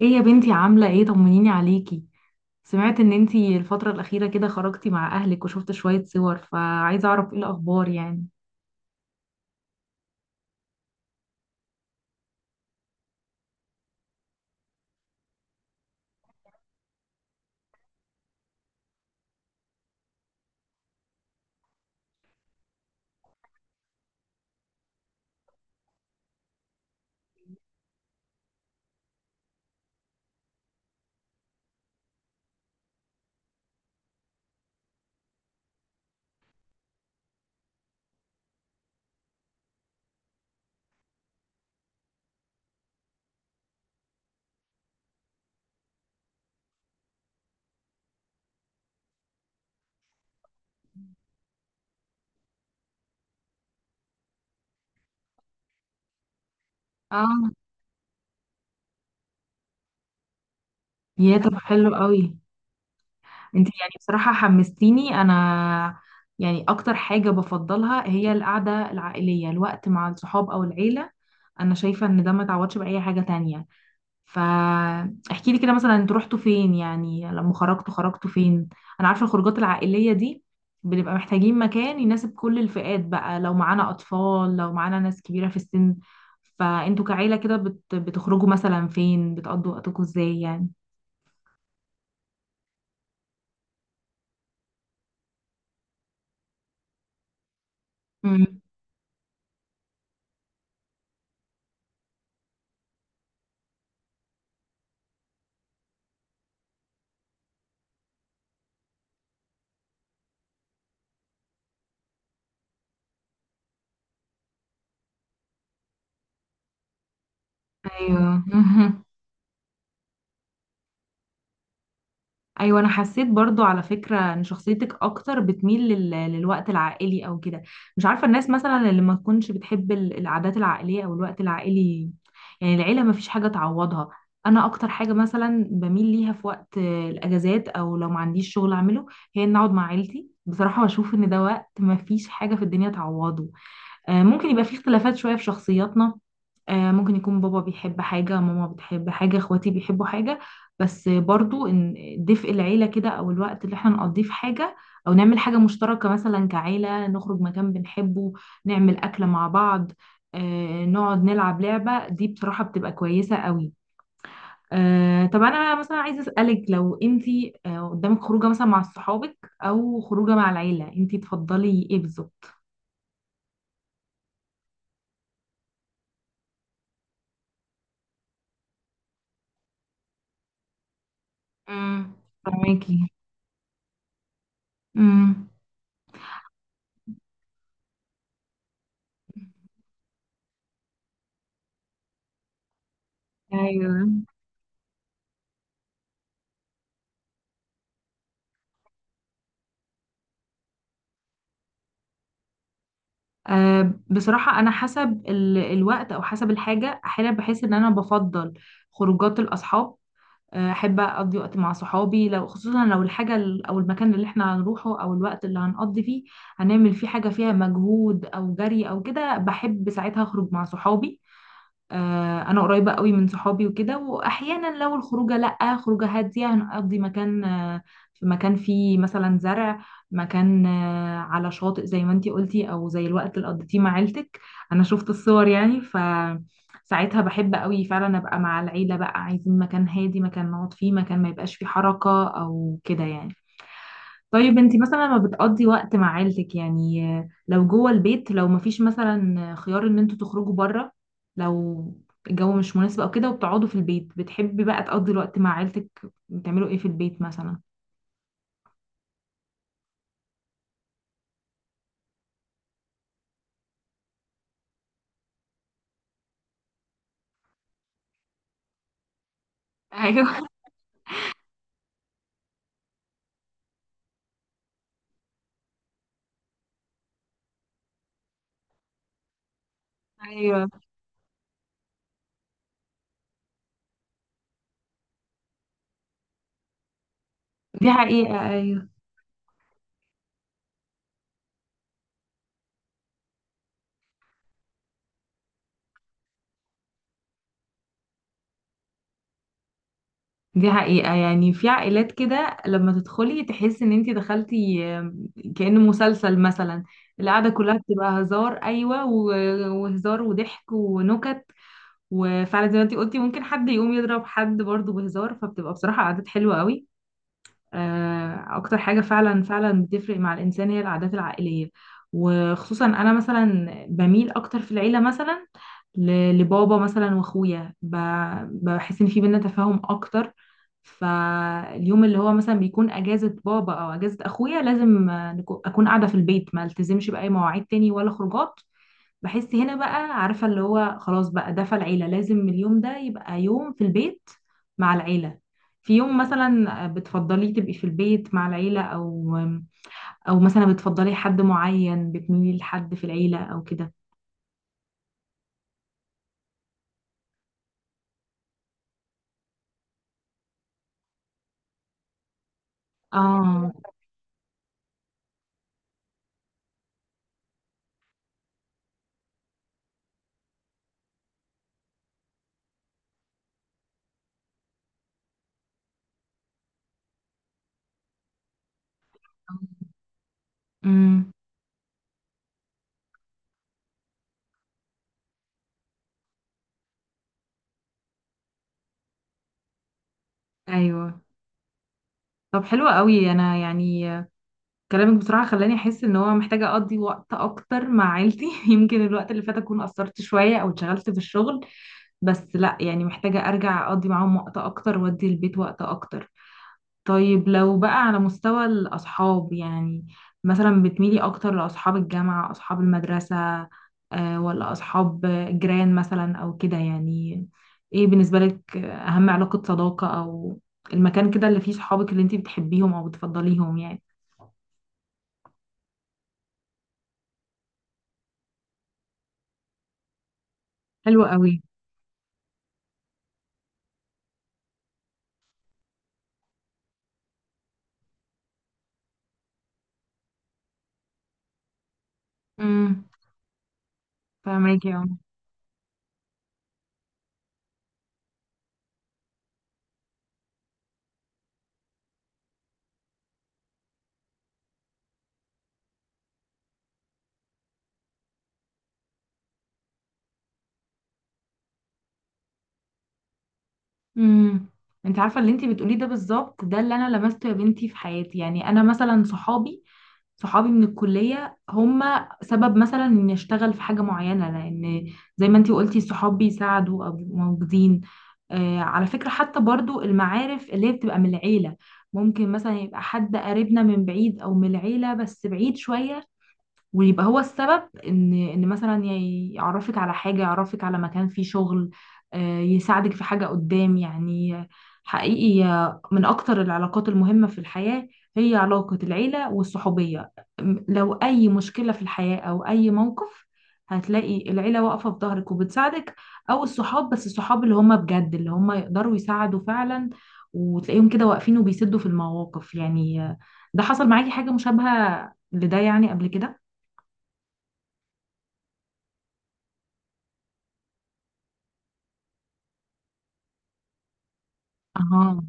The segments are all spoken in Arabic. ايه يا بنتي؟ عاملة ايه؟ طمنيني عليكي. سمعت ان انتي الفترة الأخيرة كده خرجتي مع أهلك وشفت شوية صور، فعايزة أعرف ايه الأخبار يعني. اه. يا طب حلو قوي. انتي يعني بصراحة حمستيني أنا. يعني أكتر حاجة بفضلها هي القعدة العائلية، الوقت مع الصحاب أو العيلة. أنا شايفة ان ده ما تعوضش بأي حاجة تانية. فاحكي لي كده مثلا، انتوا رحتوا فين؟ يعني لما خرجتوا خرجتوا فين؟ انا عارفه الخروجات العائليه دي، بنبقى محتاجين مكان يناسب كل الفئات بقى، لو معانا اطفال لو معانا ناس كبيره في السن. فانتوا كعيله كده بتخرجوا مثلا فين؟ بتقضوا وقتكم ازاي يعني؟ مم. ايوه. ايوه، انا حسيت برضو على فكره ان شخصيتك اكتر بتميل للوقت العائلي او كده. مش عارفه الناس مثلا اللي ما تكونش بتحب العادات العائليه او الوقت العائلي. يعني العيله ما فيش حاجه تعوضها. انا اكتر حاجه مثلا بميل ليها في وقت الاجازات، او لو ما عنديش شغل اعمله، هي ان اقعد مع عيلتي. بصراحه بشوف ان ده وقت ما فيش حاجه في الدنيا تعوضه. ممكن يبقى فيه اختلافات شويه في شخصياتنا. ممكن يكون بابا بيحب حاجة، ماما بتحب حاجة، اخواتي بيحبوا حاجة. بس برضو ان دفء العيلة كده، او الوقت اللي احنا نقضيه في حاجة، او نعمل حاجة مشتركة مثلا كعيلة، نخرج مكان بنحبه، نعمل أكلة مع بعض، نقعد نلعب لعبة، دي بصراحة بتبقى كويسة قوي. طب انا مثلا عايزة أسألك، لو انتي قدامك خروجة مثلا مع صحابك او خروجة مع العيلة، انتي تفضلي ايه بالظبط؟ امم. فاهماكي. امم. ايوه. أه، بصراحة أنا حسب الوقت أو حسب الحاجة أحيانا بحس إن أنا بفضل خروجات الأصحاب. أحب أقضي وقت مع صحابي، لو خصوصا لو الحاجة أو المكان اللي إحنا هنروحه، أو الوقت اللي هنقضي فيه هنعمل فيه حاجة فيها مجهود أو جري أو كده، بحب ساعتها أخرج مع صحابي. انا قريبه قوي من صحابي وكده. واحيانا لو الخروجه، لا خروجه هاديه هنقضي مكان في مكان فيه مثلا زرع، مكان على شاطئ زي ما انتي قلتي، او زي الوقت اللي قضيتيه مع عيلتك، انا شفت الصور يعني. ف ساعتها بحب قوي فعلا ابقى مع العيله بقى، عايزين مكان هادي، مكان نقعد فيه، مكان ما يبقاش فيه حركه او كده يعني. طيب، انت مثلا لما بتقضي وقت مع عيلتك يعني، لو جوه البيت، لو مفيش مثلا خيار ان انتوا تخرجوا بره، لو الجو مش مناسب او كده وبتقعدوا في البيت، بتحبي بقى تقضي الوقت مع عيلتك بتعملوا ايه في البيت مثلا؟ ايوه. ايوه. دي حقيقة، ايوه. دي حقيقة، يعني في عائلات كده لما تدخلي تحسي ان انت دخلتي كأنه مسلسل مثلا. القعدة كلها بتبقى هزار، ايوه، وهزار وضحك ونكت. وفعلا زي ما انتي قلتي، ممكن حد يقوم يضرب حد برضه بهزار، فبتبقى بصراحة عادات حلوة قوي. اكتر حاجة فعلا فعلا بتفرق مع الانسان هي العادات العائلية. وخصوصا انا مثلا بميل اكتر في العيلة مثلا لبابا مثلا واخويا، بحس ان في بينا تفاهم اكتر. فاليوم اللي هو مثلا بيكون اجازة بابا او اجازة اخويا، لازم اكون قاعدة في البيت، ما التزمش باي مواعيد تاني ولا خروجات. بحس هنا بقى، عارفة اللي هو خلاص بقى ده، فالعيلة لازم اليوم ده يبقى يوم في البيت مع العيلة. في يوم مثلا بتفضليه تبقي في البيت مع العيلة، أو أو مثلا بتفضلي حد معين، بتميلي لحد في العيلة أو كده؟ اه. امم. ايوه. طب حلو قوي. انا يعني كلامك بصراحه خلاني احس ان هو محتاجه اقضي وقت اكتر مع عيلتي. يمكن الوقت اللي فات اكون قصرت شويه او اتشغلت في الشغل، بس لا يعني، محتاجة أرجع أقضي معاهم وقت أكتر، وأدي البيت وقت أكتر. طيب لو بقى على مستوى الأصحاب يعني، مثلا بتميلي أكتر لأصحاب الجامعة، أصحاب المدرسة، ولا أصحاب جيران مثلا أو كده يعني؟ إيه بالنسبة لك أهم علاقة صداقة، أو المكان كده اللي فيه صحابك اللي انتي بتحبيهم أو بتفضليهم يعني؟ حلو قوي. امم. فاهماكي. اه. امم. انت عارفه اللي انت بتقوليه ده بالظبط، ده اللي انا لمسته يا بنتي في حياتي. يعني انا مثلا صحابي من الكلية هم سبب مثلا إني أشتغل في حاجة معينة، لأن زي ما أنتي قلتي الصحاب بيساعدوا أو بيبقوا موجودين. آه، على فكرة، حتى برضو المعارف اللي هي بتبقى من العيلة، ممكن مثلا يبقى حد قريبنا من بعيد أو من العيلة بس بعيد شوية، ويبقى هو السبب ان مثلا يعرفك على حاجه، يعرفك على مكان فيه شغل، يساعدك في حاجه قدام يعني. حقيقي من اكتر العلاقات المهمه في الحياه هي علاقه العيله والصحوبيه. لو اي مشكله في الحياه او اي موقف، هتلاقي العيله واقفه في ظهرك وبتساعدك، او الصحاب، بس الصحاب اللي هم بجد، اللي هم يقدروا يساعدوا فعلا، وتلاقيهم كده واقفين وبيسدوا في المواقف يعني. ده حصل معاكي حاجه مشابهه لده يعني قبل كده؟ اه.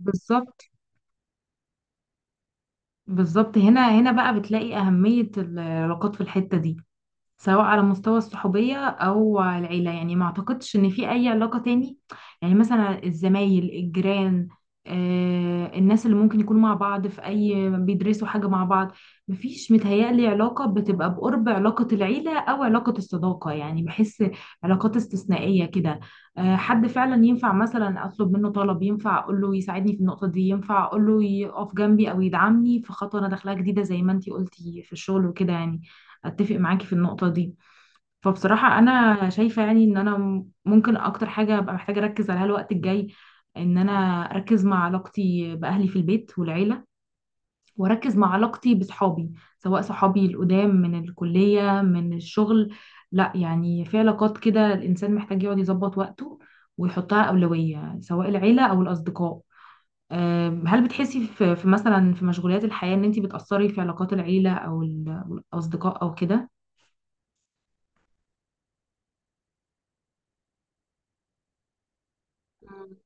بالظبط. بالظبط، هنا بقى بتلاقي أهمية العلاقات في الحتة دي، سواء على مستوى الصحوبية أو العيلة. يعني ما أعتقدش إن في أي علاقة تاني، يعني مثلا الزمايل، الجيران، الناس اللي ممكن يكونوا مع بعض في أي، بيدرسوا حاجة مع بعض، مفيش متهيألي علاقة بتبقى بقرب علاقة العيلة أو علاقة الصداقة. يعني بحس علاقات استثنائية كده، حد فعلا ينفع مثلا أطلب منه طلب، ينفع أقول له يساعدني في النقطة دي، ينفع أقول له يقف جنبي أو يدعمني في خطوة أنا داخلها جديدة زي ما أنتي قلتي في الشغل وكده يعني. اتفق معاكي في النقطة دي. فبصراحة انا شايفة يعني ان انا ممكن اكتر حاجة ابقى محتاجة اركز عليها الوقت الجاي، ان انا اركز مع علاقتي باهلي في البيت والعيلة، واركز مع علاقتي بصحابي، سواء صحابي القدام من الكلية، من الشغل. لا يعني في علاقات كده الانسان محتاج يقعد يظبط وقته، ويحطها أولوية، سواء العيلة او الاصدقاء. هل بتحسي في مثلا في مشغوليات الحياة ان انت بتأثري في علاقات العيلة او او الأصدقاء او كده؟ مم.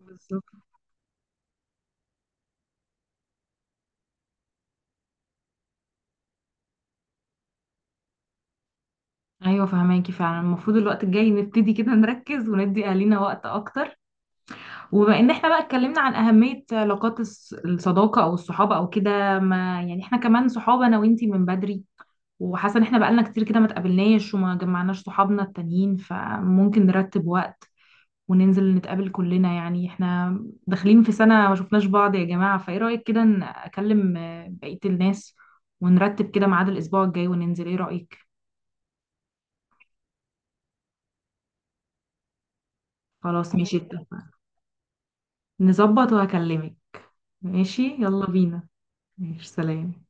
بالظبط. ايوه فهماكي، فعلا المفروض الوقت الجاي نبتدي كده نركز وندي اهالينا وقت اكتر. وبما ان احنا بقى اتكلمنا عن اهميه علاقات الصداقه او الصحابه او كده، ما يعني احنا كمان صحابه انا وانتي من بدري، وحاسه ان احنا بقالنا كتير كده ما اتقابلناش وما جمعناش صحابنا التانيين، فممكن نرتب وقت وننزل نتقابل كلنا. يعني احنا داخلين في سنه ما شفناش بعض يا جماعه، فايه رايك كده اكلم بقيه الناس، ونرتب كده ميعاد الاسبوع الجاي وننزل، ايه رايك؟ خلاص ماشي، نظبط وهكلمك. ماشي يلا بينا. ماشي سلام.